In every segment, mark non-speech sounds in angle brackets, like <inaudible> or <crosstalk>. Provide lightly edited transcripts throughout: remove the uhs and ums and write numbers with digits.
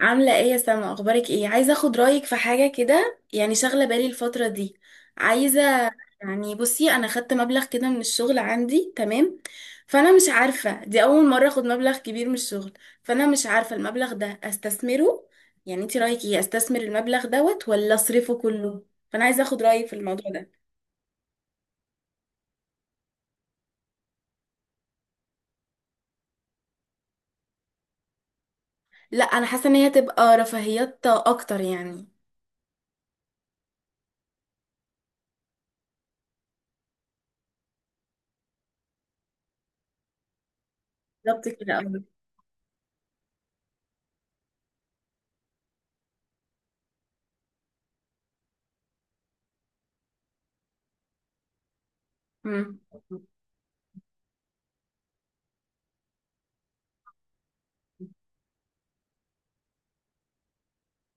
عاملة ايه يا سما؟ اخبارك ايه؟ عايزة اخد رأيك في حاجة كده، يعني شاغلة بالي الفترة دي. عايزة. يعني بصي، انا خدت مبلغ كده من الشغل عندي، تمام. فانا مش عارفة، دي اول مرة اخد مبلغ كبير من الشغل. فانا مش عارفة المبلغ ده استثمره. يعني انتي رأيك ايه، استثمر المبلغ دوت ولا اصرفه كله؟ فانا عايزة اخد رأيك في الموضوع ده. لا، انا حاسة ان هي تبقى رفاهيات اكتر يعني. بالظبط كده أوي.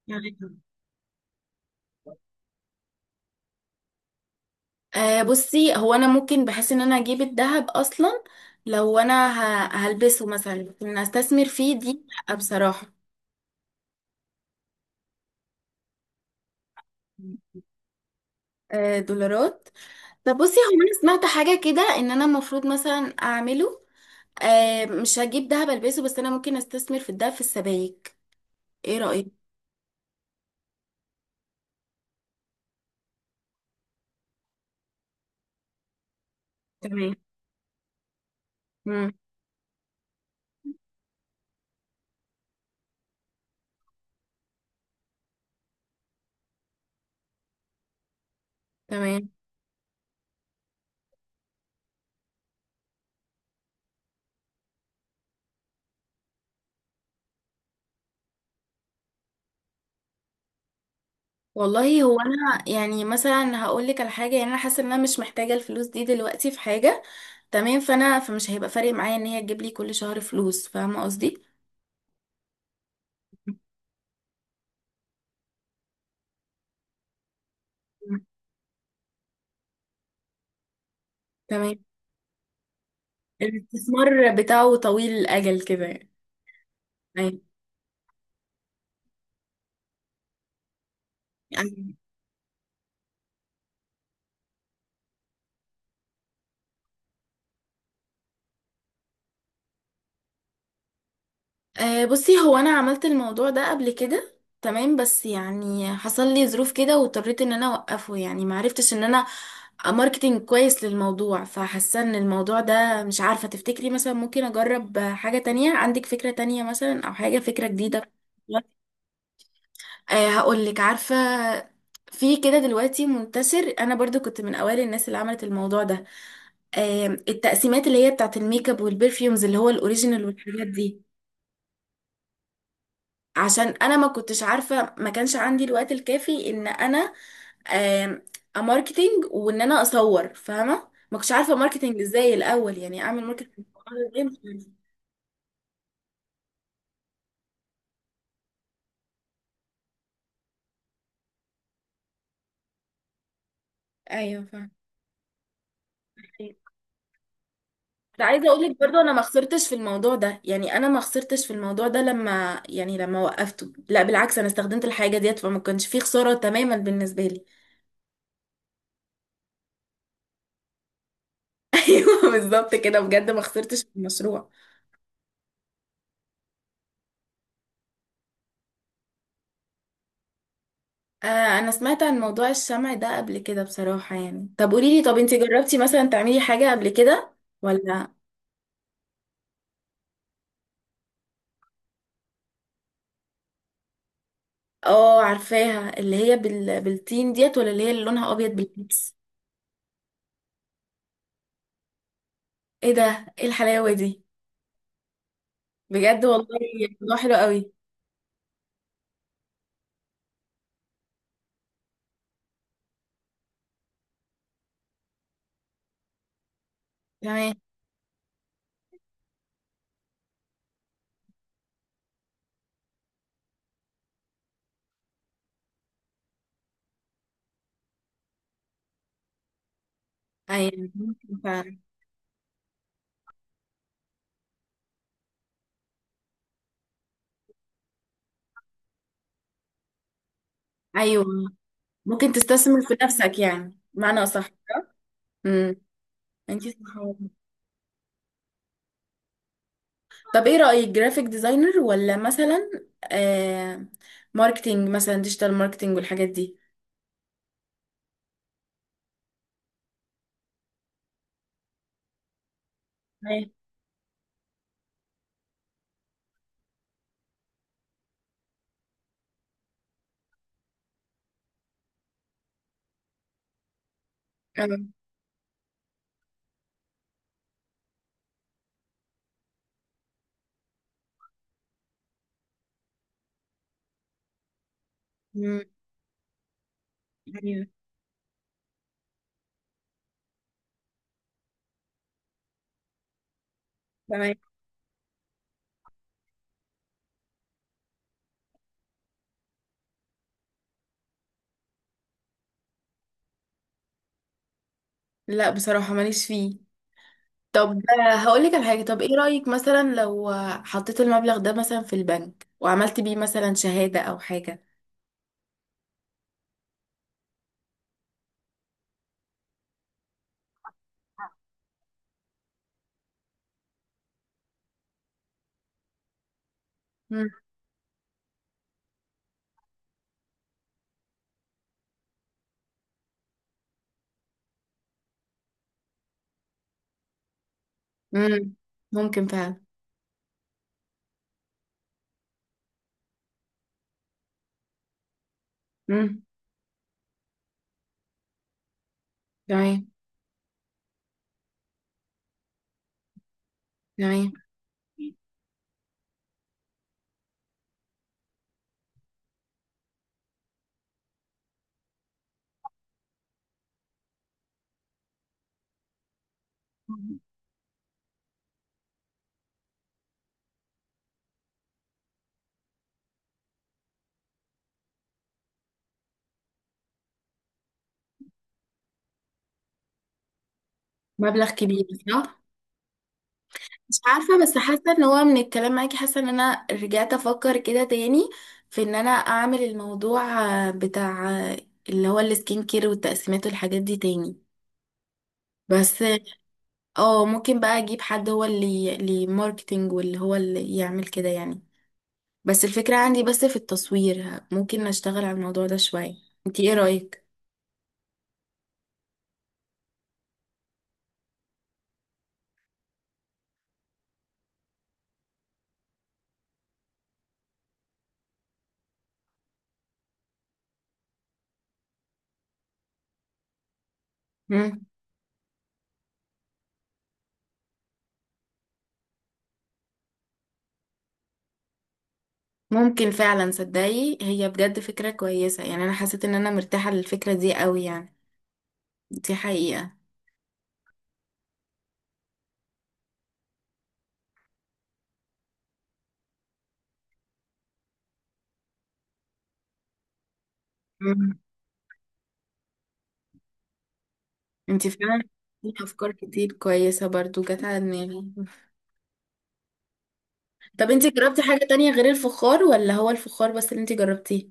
مم. أه، بصي، هو انا ممكن بحس ان انا اجيب الذهب اصلا. لو انا هلبسه مثلا، لكن ان استثمر فيه دي لأ بصراحة. أه، دولارات. طب بصي، هو انا سمعت حاجة كده ان انا المفروض مثلا اعمله. أه، مش هجيب ذهب البسه، بس انا ممكن استثمر في الذهب في السبائك. ايه رأيك؟ تمام. مم. تمام. والله هو انا يعني مثلا هقول لك على حاجه، يعني انا حاسه ان انا مش محتاجه الفلوس دي دلوقتي في حاجه. تمام، فانا فمش هيبقى فارق معايا ان هي تجيب لي كل شهر فلوس، فاهمه قصدي؟ مم. تمام. الاستثمار بتاعه طويل الأجل كده يعني. أيوة. أيوة. أه، بصي، هو أنا عملت الموضوع ده قبل كده، تمام. بس يعني حصل لي ظروف كده واضطريت إن أنا أوقفه، يعني معرفتش إن أنا ماركتينج كويس للموضوع، فحاسة إن الموضوع ده مش عارفة. تفتكري مثلا ممكن أجرب حاجة تانية؟ عندك فكرة تانية مثلا، أو حاجة فكرة جديدة؟ أه، هقولك، عارفة؟ في كده دلوقتي منتشر، أنا برضو كنت من أوائل الناس اللي عملت الموضوع ده. التقسيمات اللي هي بتاعت الميك اب والبرفيومز اللي هو الاوريجينال والحاجات دي. عشان انا ما كنتش عارفه، ما كانش عندي الوقت الكافي ان انا آم، اماركتينج وان انا اصور، فاهمه؟ ما كنتش عارفه ماركتينج ازاي الاول، يعني اعمل ماركتينج ازاي، مش عارفه. ايوه، فاهمه. كنت عايزه اقول لك برضه انا ما خسرتش في الموضوع ده، يعني انا ما خسرتش في الموضوع ده لما وقفته، لا بالعكس، انا استخدمت الحاجه ديت فما كانش فيه خساره تماما بالنسبه لي. <laughs> ايوه، بالظبط كده، بجد ما خسرتش في المشروع. آه، انا سمعت عن موضوع الشمع ده قبل كده بصراحة، يعني طب قوليلي، طب انتي جربتي مثلا تعملي حاجة قبل كده؟ ولا؟ اه، عارفاها، اللي هي بالتين ديت، ولا اللي هي اللي لونها ابيض بالبيبس؟ ايه ده؟ ايه الحلاوة دي! بجد والله. الموضوع حلو قوي. تمام. ايوه، ممكن فعلا. ايوه، ممكن تستثمر في نفسك يعني، معنى صح. امم. انتي صح والله. طب ايه رأيك، جرافيك ديزاينر ولا مثلا آه... ماركتينج مثلا، ديجيتال ماركتينج والحاجات دي؟ آه، مم، ايوه، تمام. لا، بصراحة ماليش فيه. طب هقولك على حاجة، طب ايه رأيك مثلا لو حطيت المبلغ ده مثلا في البنك وعملت بيه مثلا شهادة او حاجة؟ مم. مم. ممكن فعلا. مم. تمام. تمام. مبلغ كبير، صح. مش عارفة، بس حاسة ان هو من الكلام معاكي حاسة ان انا رجعت افكر كده تاني في ان انا اعمل الموضوع بتاع اللي هو السكين كير والتقسيمات والحاجات دي تاني. بس اه، ممكن بقى اجيب حد، هو اللي ماركتينج واللي هو اللي يعمل كده يعني. بس الفكرة عندي بس في التصوير، ممكن اشتغل على الموضوع ده شوية. انتي ايه رأيك؟ مم. ممكن فعلا، صدقي هي بجد فكرة كويسة، يعني انا حسيت ان انا مرتاحة للفكرة دي قوي يعني. دي حقيقة. مم. انتي فعلا، في افكار كتير كويسة برضو جت على دماغي. طب انتي جربتي حاجة تانية غير الفخار، ولا هو الفخار بس اللي انتي جربتيه؟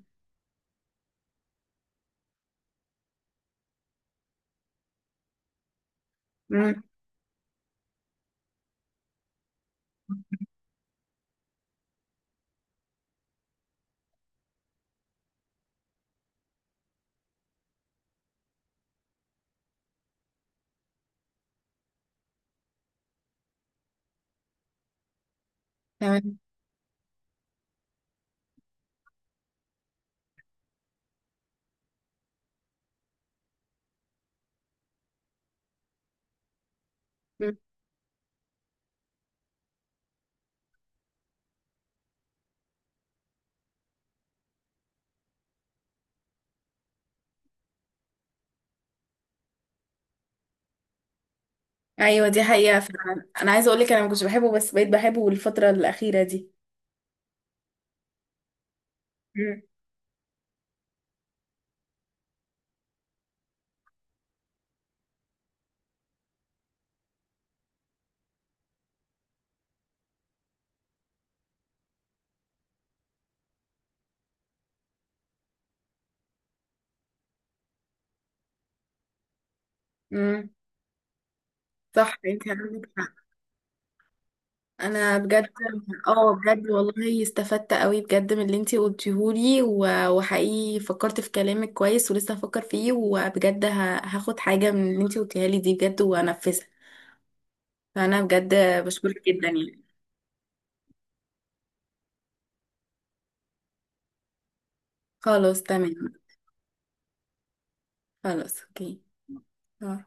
مم. تمام. ايوه، دي حقيقة فعلا، انا عايزة اقولك انا ما كنتش بحبه، بس بقيت بحبه الفترة الأخيرة دي. مم. مم. صح، انت عندك حق. انا بجد. اه، بجد والله استفدت قوي بجد من اللي انت قلتيهولي، وحقيقي فكرت في كلامك كويس، ولسه هفكر فيه، وبجد هاخد حاجة من اللي انت قلتيها لي دي بجد وانفذها. فانا بجد بشكرك جدا يعني. خلاص، تمام. خلاص، اوكي. آه.